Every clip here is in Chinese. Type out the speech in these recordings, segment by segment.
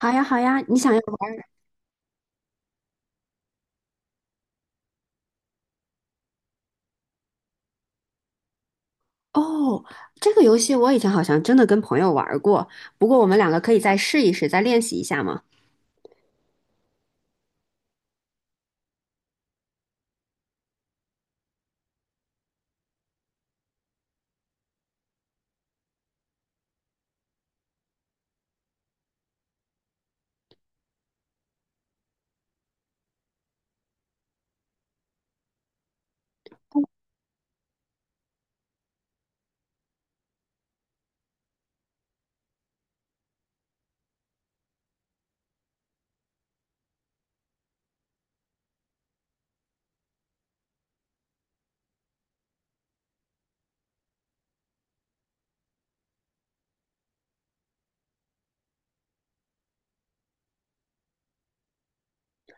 好呀，好呀，你想要玩儿哦？这个游戏我以前好像真的跟朋友玩儿过，不过我们两个可以再试一试，再练习一下吗？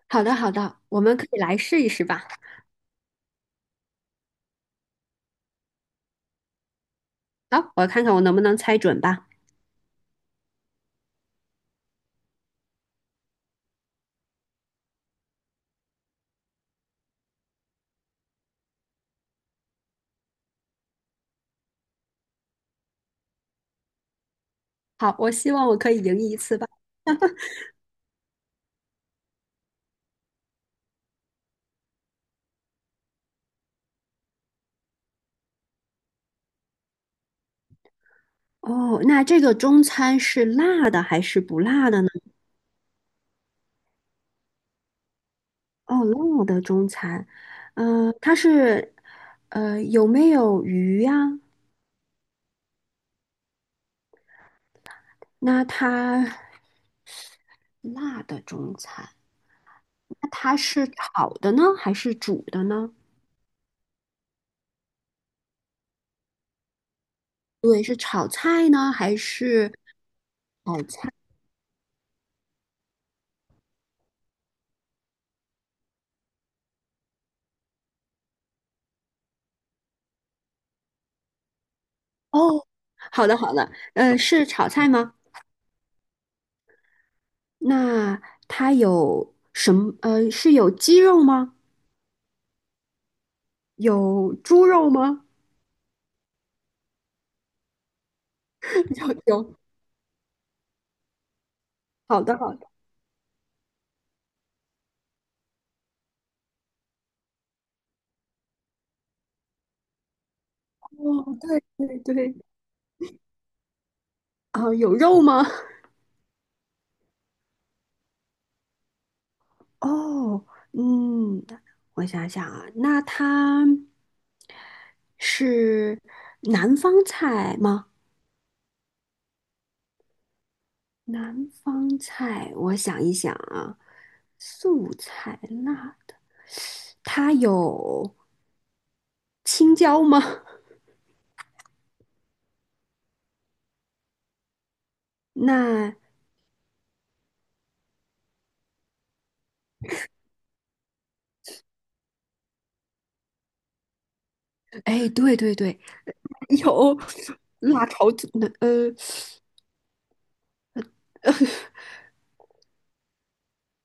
好的，好的，我们可以来试一试吧。好，我看看我能不能猜准吧。好，我希望我可以赢一次吧。哦，那这个中餐是辣的还是不辣的呢？哦，辣的中餐，它是，有没有鱼呀？那它辣的中餐，那它是炒的呢，还是煮的呢？对，是炒菜呢，还是炒菜？哦，好的好的，是炒菜吗？那它有什么？是有鸡肉吗？有猪肉吗？有，好的好的。哦，对对对，啊，有肉吗？哦，嗯，我想想啊，那它是南方菜吗？南方菜，我想一想啊，素菜辣它有青椒吗？那，哎，对对对，有辣炒子，那呃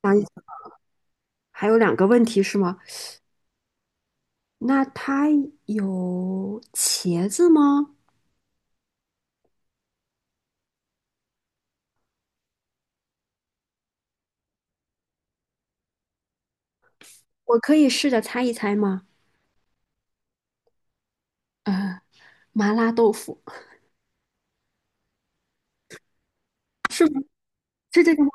想一想，还有两个问题是吗？那它有茄子吗？我可以试着猜一猜吗？呃，麻辣豆腐是是这个吗？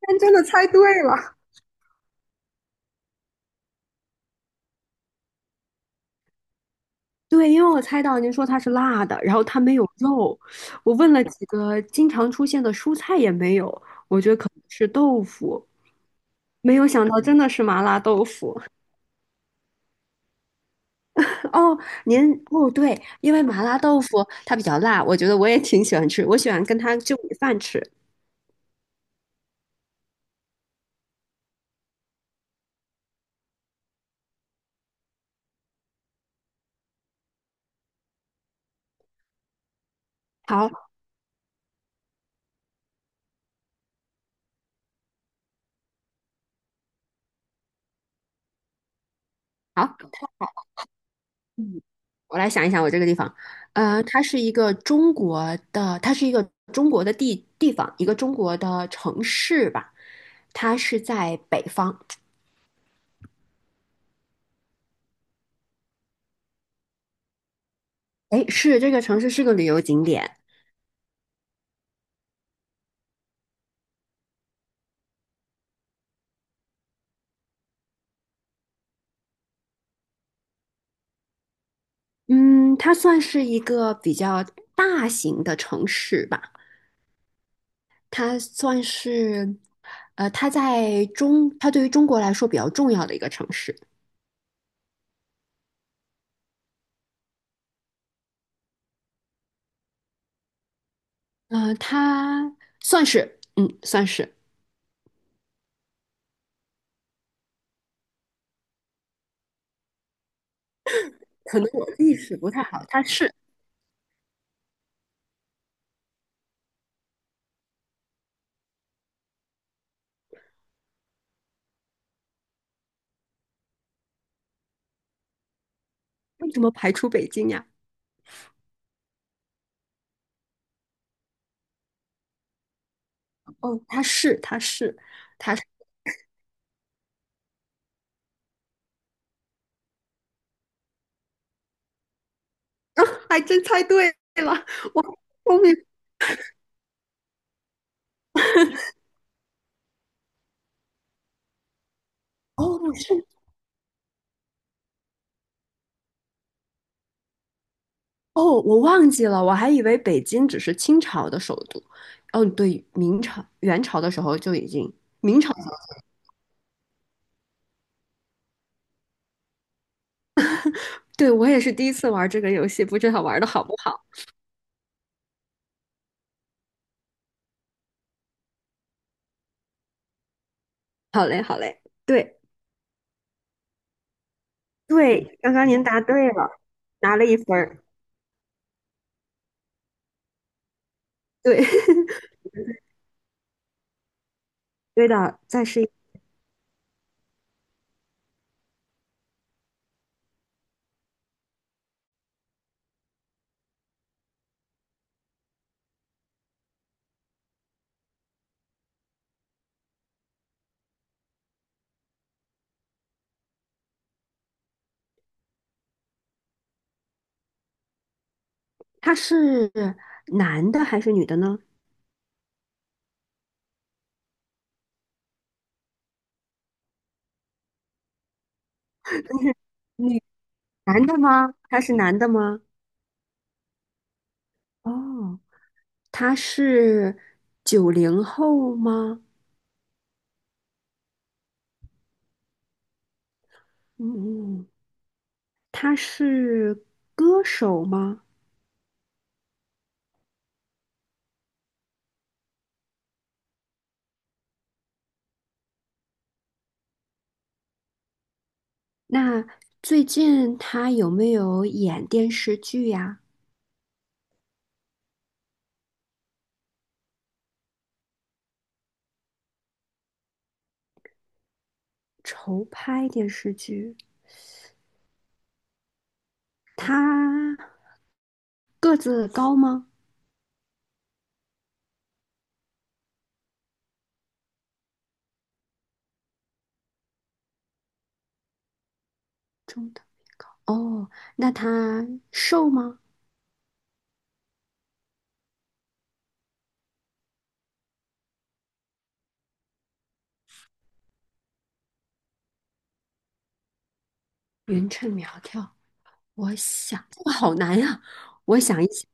天真的猜对了，对，因为我猜到您说它是辣的，然后它没有肉，我问了几个经常出现的蔬菜也没有，我觉得可能是豆腐。没有想到真的是麻辣豆腐 哦，您哦对，因为麻辣豆腐它比较辣，我觉得我也挺喜欢吃，我喜欢跟它就米饭吃。好，好，嗯，我来想一想我这个地方，它是一个中国的，它是一个中国的地方，一个中国的城市吧，它是在北方，哎，是这个城市是个旅游景点，嗯，它算是一个比较大型的城市吧。它算是，它它对于中国来说比较重要的一个城市。它算是，可能我历史不太好，它是为什么排除北京呀？哦，它是，它是，它是，啊，还真猜对了，我好聪明。哦，是，哦，我忘记了，我还以为北京只是清朝的首都。哦，对，明朝、元朝的时候就已经。对，我也是第一次玩这个游戏，不知道玩的好不好。好嘞，好嘞，对对，刚刚您答对了，拿了1分儿。对，对的，再试一他是男的还是女的呢？女男的吗？他是男的吗？哦，他是90后吗？嗯，他是歌手吗？那最近他有没有演电视剧呀？筹拍电视剧。他个子高吗？中等。哦，那她瘦吗？匀称苗条，我想这个好难呀。我想一想，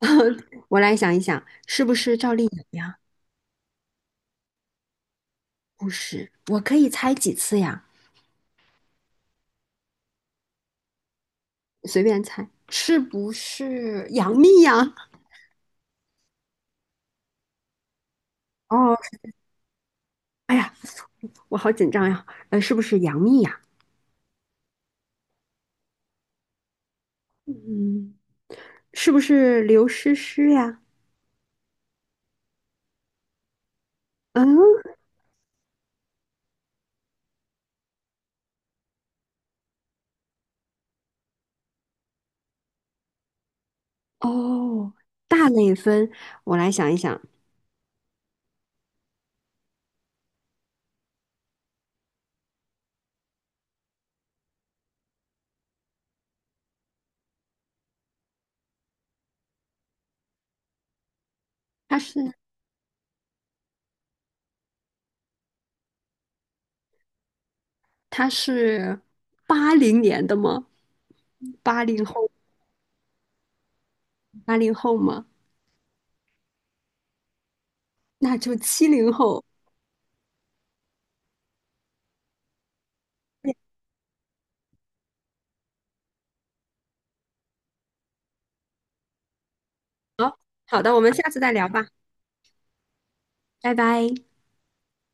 我来想一想，是不是赵丽颖呀？不是，我可以猜几次呀？随便猜，是不是杨幂呀？哦，哎呀，我好紧张呀。是不是杨幂呀？嗯，是不是刘诗诗呀？嗯，哦，大类分，我来想一想，她是。他是80年的吗？八零后，八零后吗？那就70后。嗯好的，我们下次再聊吧，拜拜。